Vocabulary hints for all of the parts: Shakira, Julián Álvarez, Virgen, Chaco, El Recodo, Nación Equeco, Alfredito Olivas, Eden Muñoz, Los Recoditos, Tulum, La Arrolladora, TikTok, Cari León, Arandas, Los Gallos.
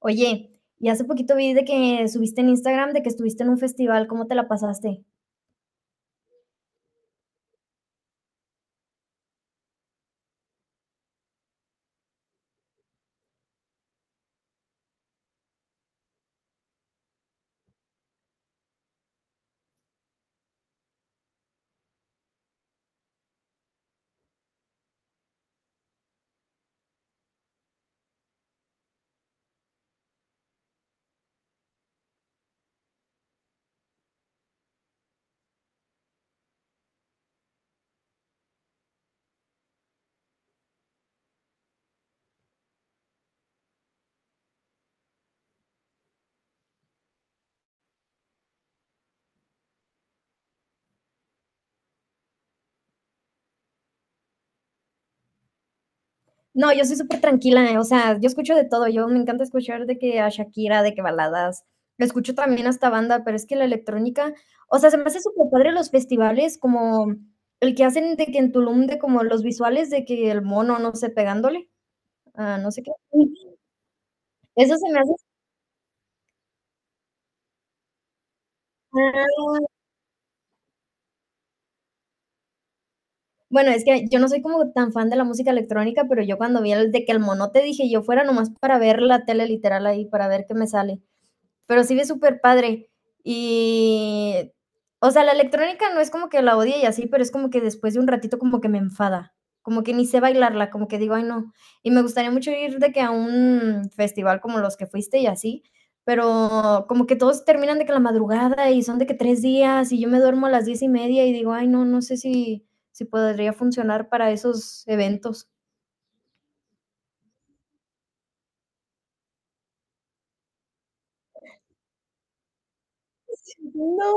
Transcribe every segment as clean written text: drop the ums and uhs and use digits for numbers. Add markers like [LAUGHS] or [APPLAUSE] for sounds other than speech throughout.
Oye, y hace poquito vi de que subiste en Instagram de que estuviste en un festival, ¿cómo te la pasaste? No, yo soy súper tranquila, o sea, yo escucho de todo, yo me encanta escuchar de que a Shakira, de que baladas, escucho también hasta banda, pero es que la electrónica, o sea, se me hace súper padre los festivales, como el que hacen de que en Tulum, de como los visuales de que el mono, no sé, pegándole, ah, no sé qué. Eso se me hace. Bueno, es que yo no soy como tan fan de la música electrónica, pero yo cuando vi el de que el monote dije yo fuera nomás para ver la tele literal ahí, para ver qué me sale, pero sí es súper padre. Y, o sea, la electrónica no es como que la odie y así, pero es como que después de un ratito como que me enfada, como que ni sé bailarla, como que digo, ay no. Y me gustaría mucho ir de que a un festival como los que fuiste y así, pero como que todos terminan de que la madrugada y son de que 3 días y yo me duermo a las 10:30 y digo, ay no, no sé si podría funcionar para esos eventos. No,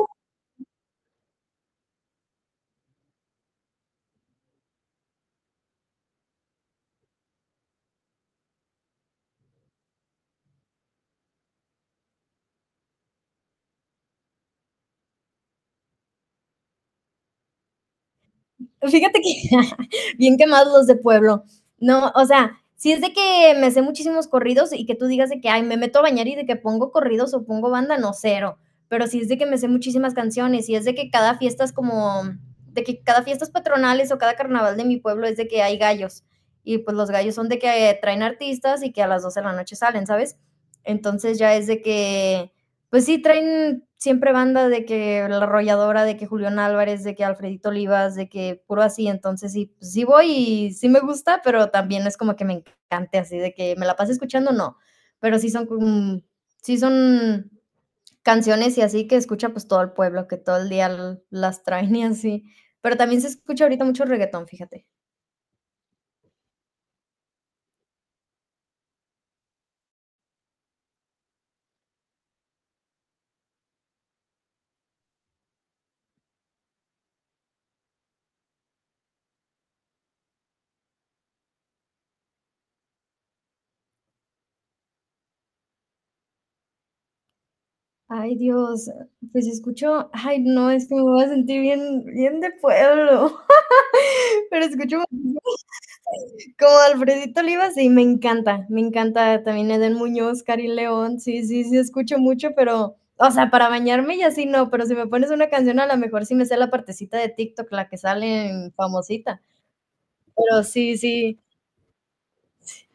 fíjate que [LAUGHS] bien quemados los de pueblo. No, o sea, si es de que me sé muchísimos corridos y que tú digas de que, ay, me meto a bañar y de que pongo corridos o pongo banda, no, cero. Pero si es de que me sé muchísimas canciones y es de que cada fiesta es como, de que cada fiestas patronales o cada carnaval de mi pueblo es de que hay gallos. Y pues los gallos son de que traen artistas y que a las 12 de la noche salen, ¿sabes? Entonces ya es de que pues sí, traen siempre banda de que La Arrolladora, de que Julián Álvarez, de que Alfredito Olivas, de que puro así, entonces sí, pues sí voy y sí me gusta, pero también no es como que me encante así de que me la pase escuchando, no, pero sí son canciones y así que escucha pues todo el pueblo, que todo el día las traen y así, pero también se escucha ahorita mucho reggaetón, fíjate. Ay, Dios, pues escucho, ay, no, es que me voy a sentir bien, bien de pueblo, [LAUGHS] pero escucho como Alfredito Olivas, sí, me encanta también Eden Muñoz, Cari León, sí, sí, sí, escucho mucho, pero, o sea, para bañarme y así no, pero si me pones una canción a lo mejor sí me sé la partecita de TikTok, la que sale en famosita, pero sí, sí,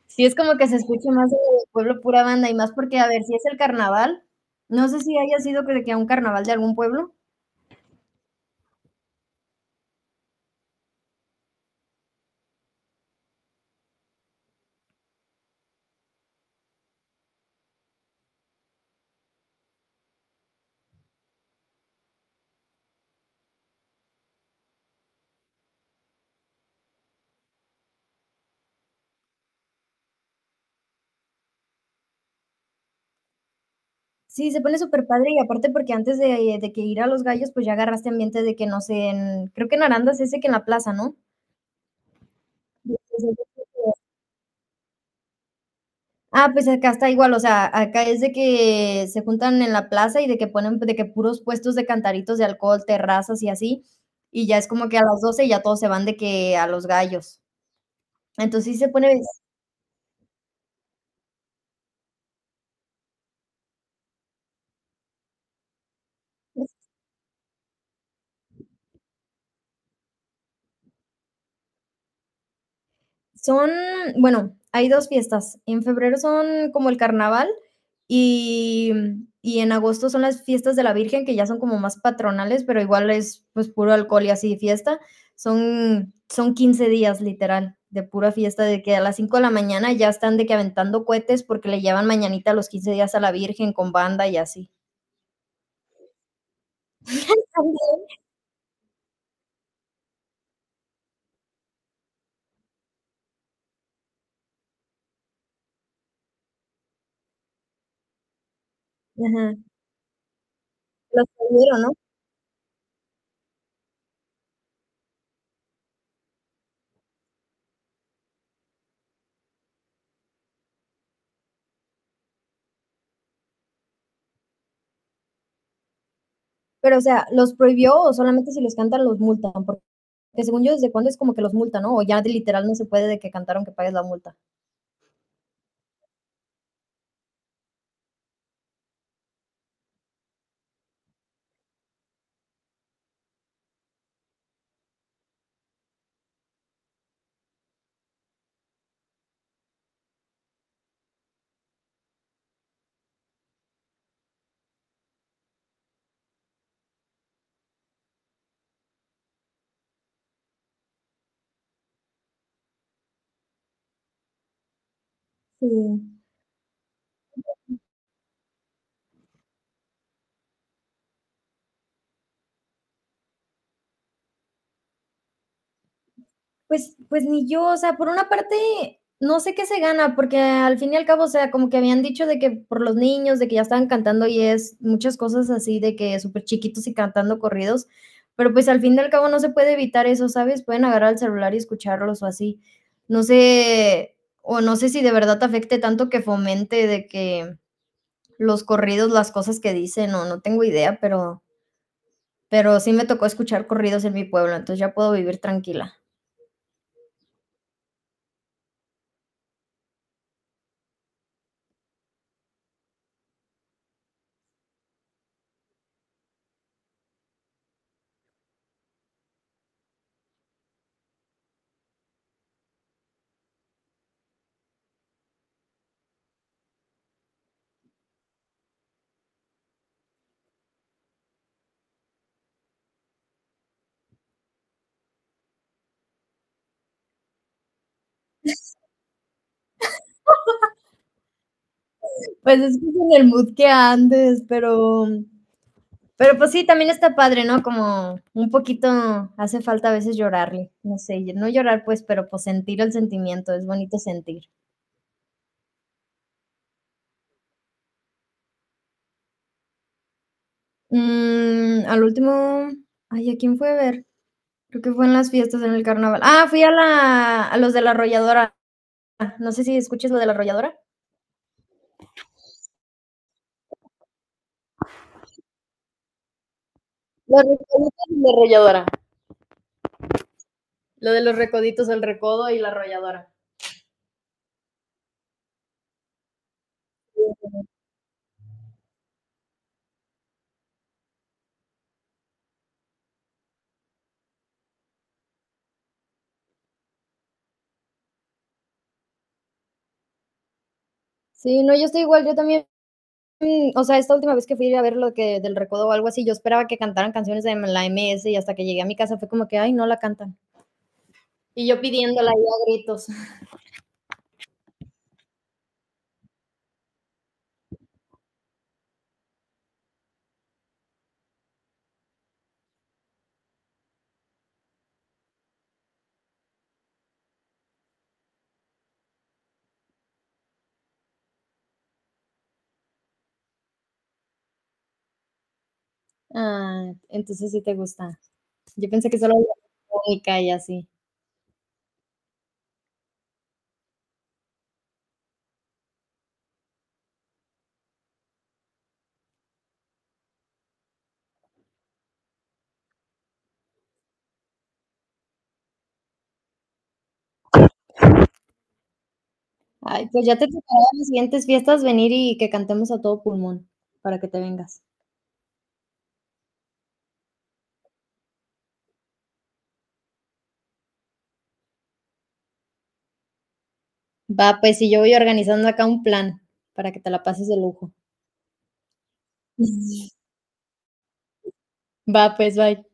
sí es como que se escucha más de pueblo pura banda y más porque, a ver, si es el carnaval, no sé si haya sido que de que a un carnaval de algún pueblo. Sí, se pone súper padre y aparte porque antes de que ir a Los Gallos, pues ya agarraste ambiente de que no sé, creo que en Arandas ese que en la plaza, ¿no? Ah, pues acá está igual, o sea, acá es de que se juntan en la plaza y de que ponen de que puros puestos de cantaritos de alcohol, terrazas y así, y ya es como que a las 12 ya todos se van de que a los gallos. Entonces sí se pone. Son, bueno, hay dos fiestas. En febrero son como el carnaval y, y en agosto son las fiestas de la Virgen, que ya son como más patronales, pero igual es pues puro alcohol y así fiesta. Son 15 días literal de pura fiesta, de que a las 5 de la mañana ya están de que aventando cohetes porque le llevan mañanita los 15 días a la Virgen con banda y así. Ajá, los prohibieron, ¿no? Pero, o sea, ¿los prohibió o solamente si los cantan los multan? Porque que según yo, ¿desde cuándo es como que los multa, no? O ya de literal no se puede de que cantaron que pagues la multa. Sí. Pues, pues ni yo, o sea, por una parte, no sé qué se gana, porque al fin y al cabo, o sea, como que habían dicho de que por los niños, de que ya estaban cantando y es muchas cosas así, de que súper chiquitos y cantando corridos, pero pues al fin y al cabo no se puede evitar eso, ¿sabes? Pueden agarrar el celular y escucharlos o así. No sé, o no sé si de verdad te afecte tanto que fomente de que los corridos, las cosas que dicen, o no tengo idea, pero sí me tocó escuchar corridos en mi pueblo, entonces ya puedo vivir tranquila. Pues es que es en el mood que andes, pero pues sí, también está padre, ¿no? Como un poquito hace falta a veces llorarle, no sé, y no llorar pues, pero pues sentir el sentimiento, es bonito sentir. Mm, al último, ay, ¿a quién fue a ver? Creo que fue en las fiestas, en el carnaval. Ah, a los de la arrolladora. No sé si escuches lo de la arrolladora. Los recoditos y la arrolladora. Lo de los recoditos, el recodo y la arrolladora. Sí, no, yo estoy igual, yo también, o sea, esta última vez que fui a ver lo que del recodo o algo así, yo esperaba que cantaran canciones de la MS y hasta que llegué a mi casa fue como que, ay, no la cantan. Y yo pidiéndola ahí a gritos. Ah, entonces sí te gusta. Yo pensé que solo la música y así. Ay, pues ya te tocará en las siguientes fiestas venir y que cantemos a todo pulmón para que te vengas. Va, pues, y yo voy organizando acá un plan para que te la pases de lujo. [LAUGHS] Va, pues, bye.